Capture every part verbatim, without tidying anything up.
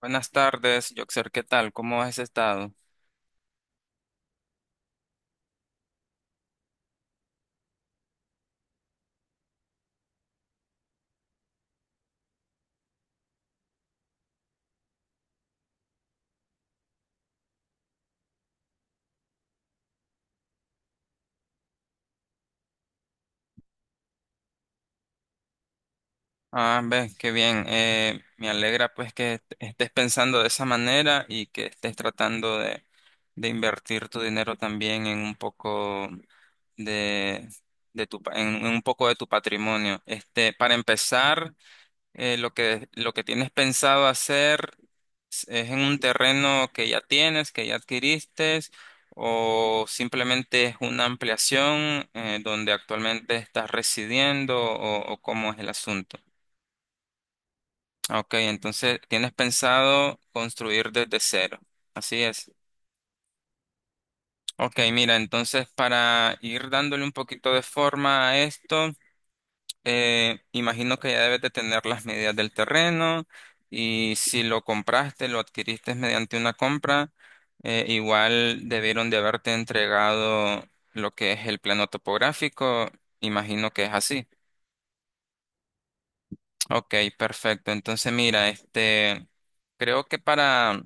Buenas tardes, Joxer, ¿qué tal? ¿Cómo has estado? Ah, ves, qué bien. Eh, me alegra pues que est- estés pensando de esa manera y que estés tratando de, de invertir tu dinero también en un poco de, de tu, pa- en, en un poco de tu patrimonio. Este, para empezar, eh, lo que, lo que tienes pensado hacer es es en un terreno que ya tienes, que ya adquiriste, o simplemente es una ampliación eh, donde actualmente estás residiendo o, o cómo es el asunto. Ah, ok, entonces tienes pensado construir desde cero. Así es. Ok, mira, entonces para ir dándole un poquito de forma a esto. Eh, imagino que ya debes de tener las medidas del terreno y si lo compraste, lo adquiriste mediante una compra, eh, igual debieron de haberte entregado lo que es el plano topográfico. Imagino que es así. Ok, perfecto. Entonces, mira, este, creo que para,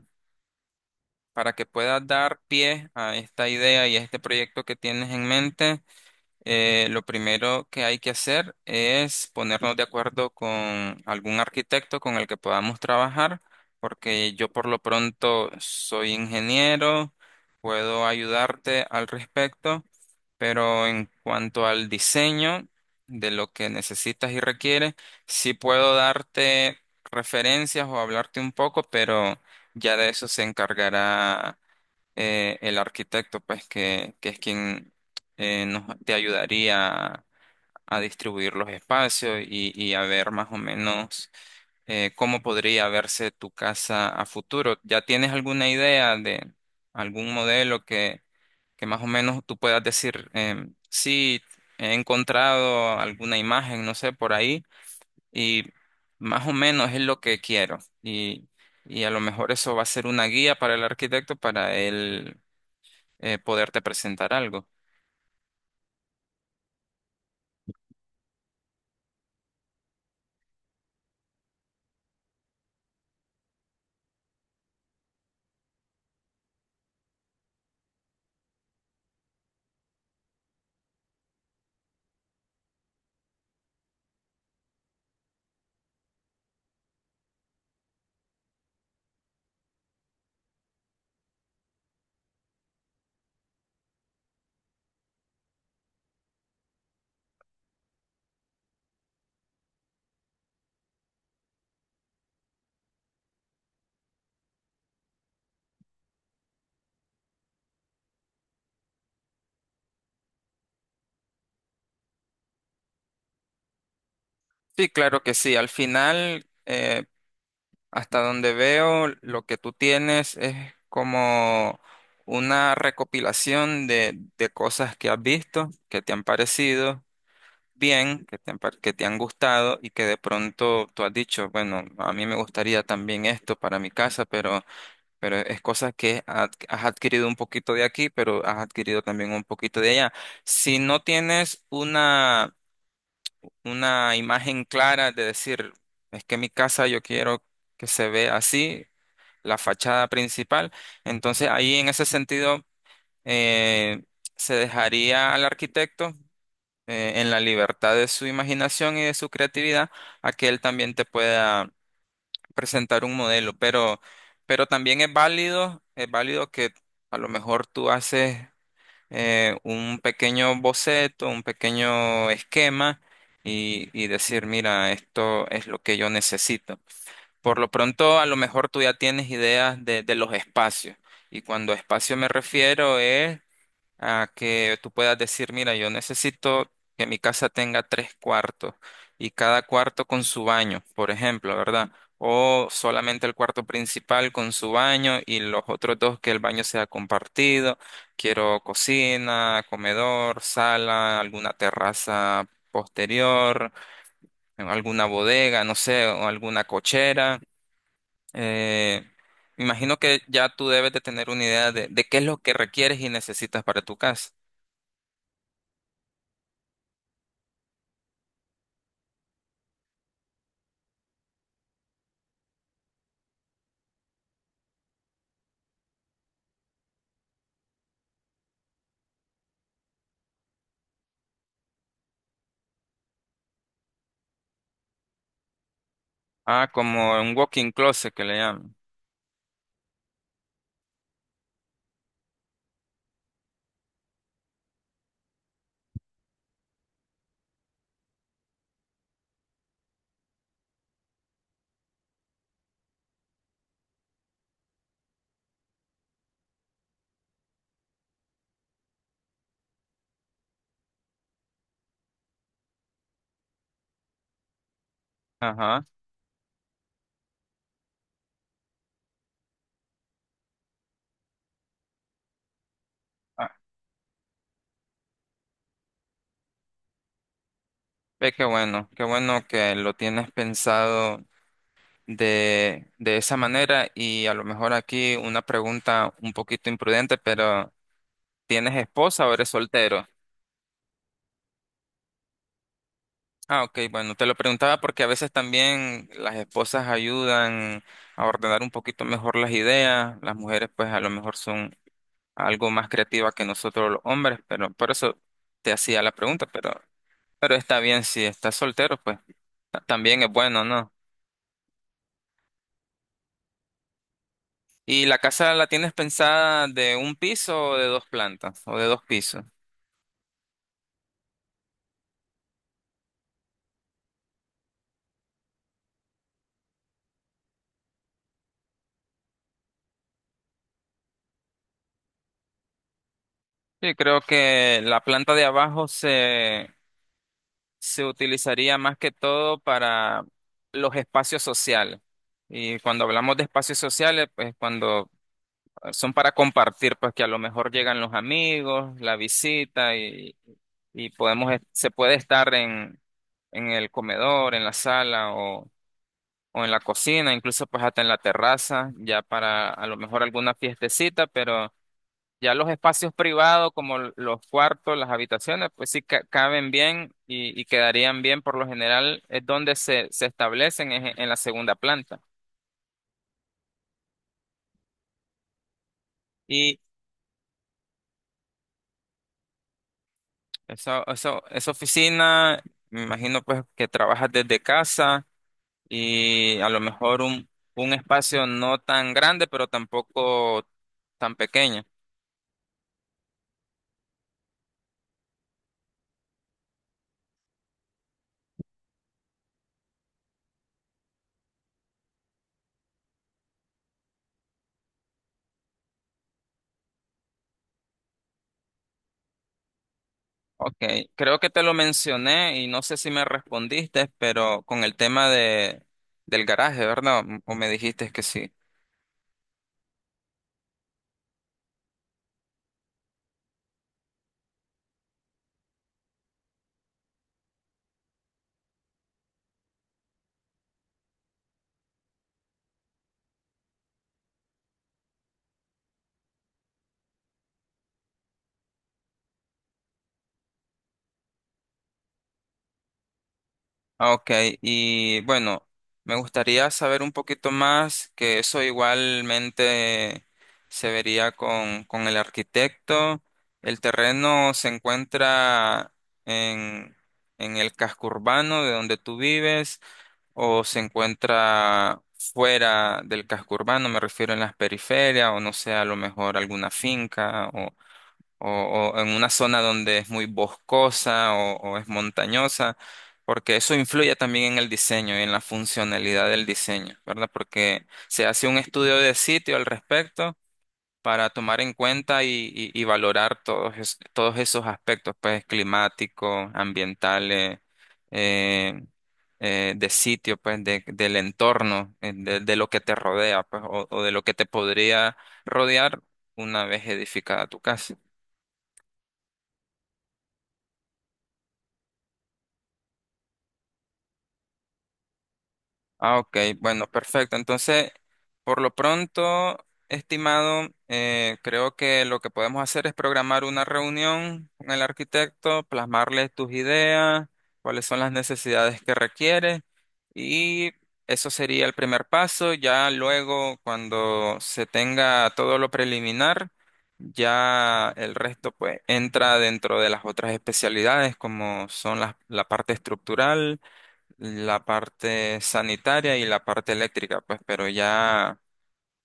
para que puedas dar pie a esta idea y a este proyecto que tienes en mente, Eh, lo primero que hay que hacer es ponernos de acuerdo con algún arquitecto con el que podamos trabajar, porque yo por lo pronto soy ingeniero, puedo ayudarte al respecto, pero en cuanto al diseño de lo que necesitas y requieres, sí puedo darte referencias o hablarte un poco, pero ya de eso se encargará eh, el arquitecto, pues, que, que es quien eh, nos, te ayudaría a, distribuir los espacios y, y a ver más o menos eh, cómo podría verse tu casa a futuro. ¿Ya tienes alguna idea de algún modelo que, que más o menos tú puedas decir, em, sí, he encontrado alguna imagen, no sé, por ahí, y más o menos es lo que quiero? Y, y a lo mejor eso va a ser una guía para el arquitecto para él eh, poderte presentar algo. Sí, claro que sí. Al final, eh, hasta donde veo, lo que tú tienes es como una recopilación de, de cosas que has visto, que te han parecido bien, que te han, par- que te han gustado y que de pronto tú has dicho, bueno, a mí me gustaría también esto para mi casa, pero, pero es cosas que ad- has adquirido un poquito de aquí, pero has adquirido también un poquito de allá. Si no tienes una imagen clara de decir, es que mi casa yo quiero que se vea así, la fachada principal. Entonces ahí en ese sentido eh, se dejaría al arquitecto eh, en la libertad de su imaginación y de su creatividad a que él también te pueda presentar un modelo, pero, pero también es válido, es válido que a lo mejor tú haces eh, un pequeño boceto, un pequeño esquema y, y decir, mira, esto es lo que yo necesito. Por lo pronto, a lo mejor tú ya tienes ideas de, de los espacios. Y cuando espacio me refiero es a que tú puedas decir, mira, yo necesito que mi casa tenga tres cuartos y cada cuarto con su baño, por ejemplo, ¿verdad? O solamente el cuarto principal con su baño y los otros dos que el baño sea compartido. Quiero cocina, comedor, sala, alguna terraza posterior, alguna bodega, no sé, o alguna cochera. Eh, Me imagino que ya tú debes de tener una idea de de qué es lo que requieres y necesitas para tu casa. Ah, como un walking closet que le llaman. Ajá. Ah, ve qué bueno, qué bueno que lo tienes pensado de, de esa manera y a lo mejor aquí una pregunta un poquito imprudente, pero ¿tienes esposa o eres soltero? Ah, ok, bueno, te lo preguntaba porque a veces también las esposas ayudan a ordenar un poquito mejor las ideas, las mujeres pues a lo mejor son algo más creativas que nosotros los hombres, pero por eso te hacía la pregunta, pero, pero está bien si estás soltero, pues. Ta- También es bueno, ¿no? ¿Y la casa la tienes pensada de un piso o de dos plantas o de dos pisos? Sí, creo que la planta de abajo se, se utilizaría más que todo para los espacios sociales. Y cuando hablamos de espacios sociales, pues cuando son para compartir, pues que a lo mejor llegan los amigos, la visita y, y podemos, se puede estar en, en el comedor, en la sala o en la cocina, incluso pues hasta en la terraza, ya para a lo mejor alguna fiestecita, pero ya los espacios privados como l- los cuartos, las habitaciones, pues sí ca- caben bien y, y quedarían bien por lo general, es donde se, se establecen es en en la segunda planta. Y eso, eso, esa oficina, me imagino pues que trabajas desde casa y a lo mejor un, un espacio no tan grande, pero tampoco tan pequeño. Ok, creo que te lo mencioné y no sé si me respondiste, pero con el tema de, del garaje, ¿verdad? O me dijiste que sí. Ah, ok, y bueno, me gustaría saber un poquito más, que eso igualmente se vería con, con el arquitecto. El terreno se encuentra en, en el casco urbano de donde tú vives. O se encuentra fuera del casco urbano, me refiero en las periferias, o no sé, a lo mejor alguna finca, o, o- o en una zona donde es muy boscosa o, o es montañosa, porque eso influye también en el diseño y en la funcionalidad del diseño, ¿verdad? Porque se hace un estudio de sitio al respecto para tomar en cuenta y, y- y valorar todos, es- todos esos aspectos, pues climáticos, ambientales, eh, eh, de sitio, pues de- del entorno, eh, de, de lo que te rodea, pues, o, o de lo que te podría rodear una vez edificada tu casa. Ah, ok, bueno, perfecto. Entonces, por lo pronto, estimado, eh, creo que lo que podemos hacer es programar una reunión con el arquitecto, plasmarle tus ideas, cuáles son las necesidades que requiere y eso sería el primer paso. Ya luego, cuando se tenga todo lo preliminar, ya el resto pues entra dentro de las otras especialidades como son las- la parte estructural, la parte sanitaria y la parte eléctrica, pues, pero ya,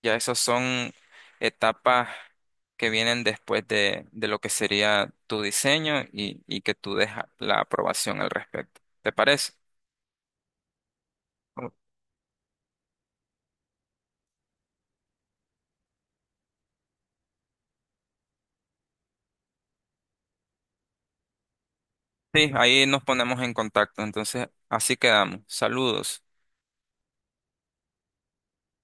ya esas son etapas que vienen después de, de lo que sería tu diseño y, y que tú dejas la aprobación al respecto. ¿Te parece? Sí, ahí nos ponemos en contacto. Entonces, así quedamos. Saludos.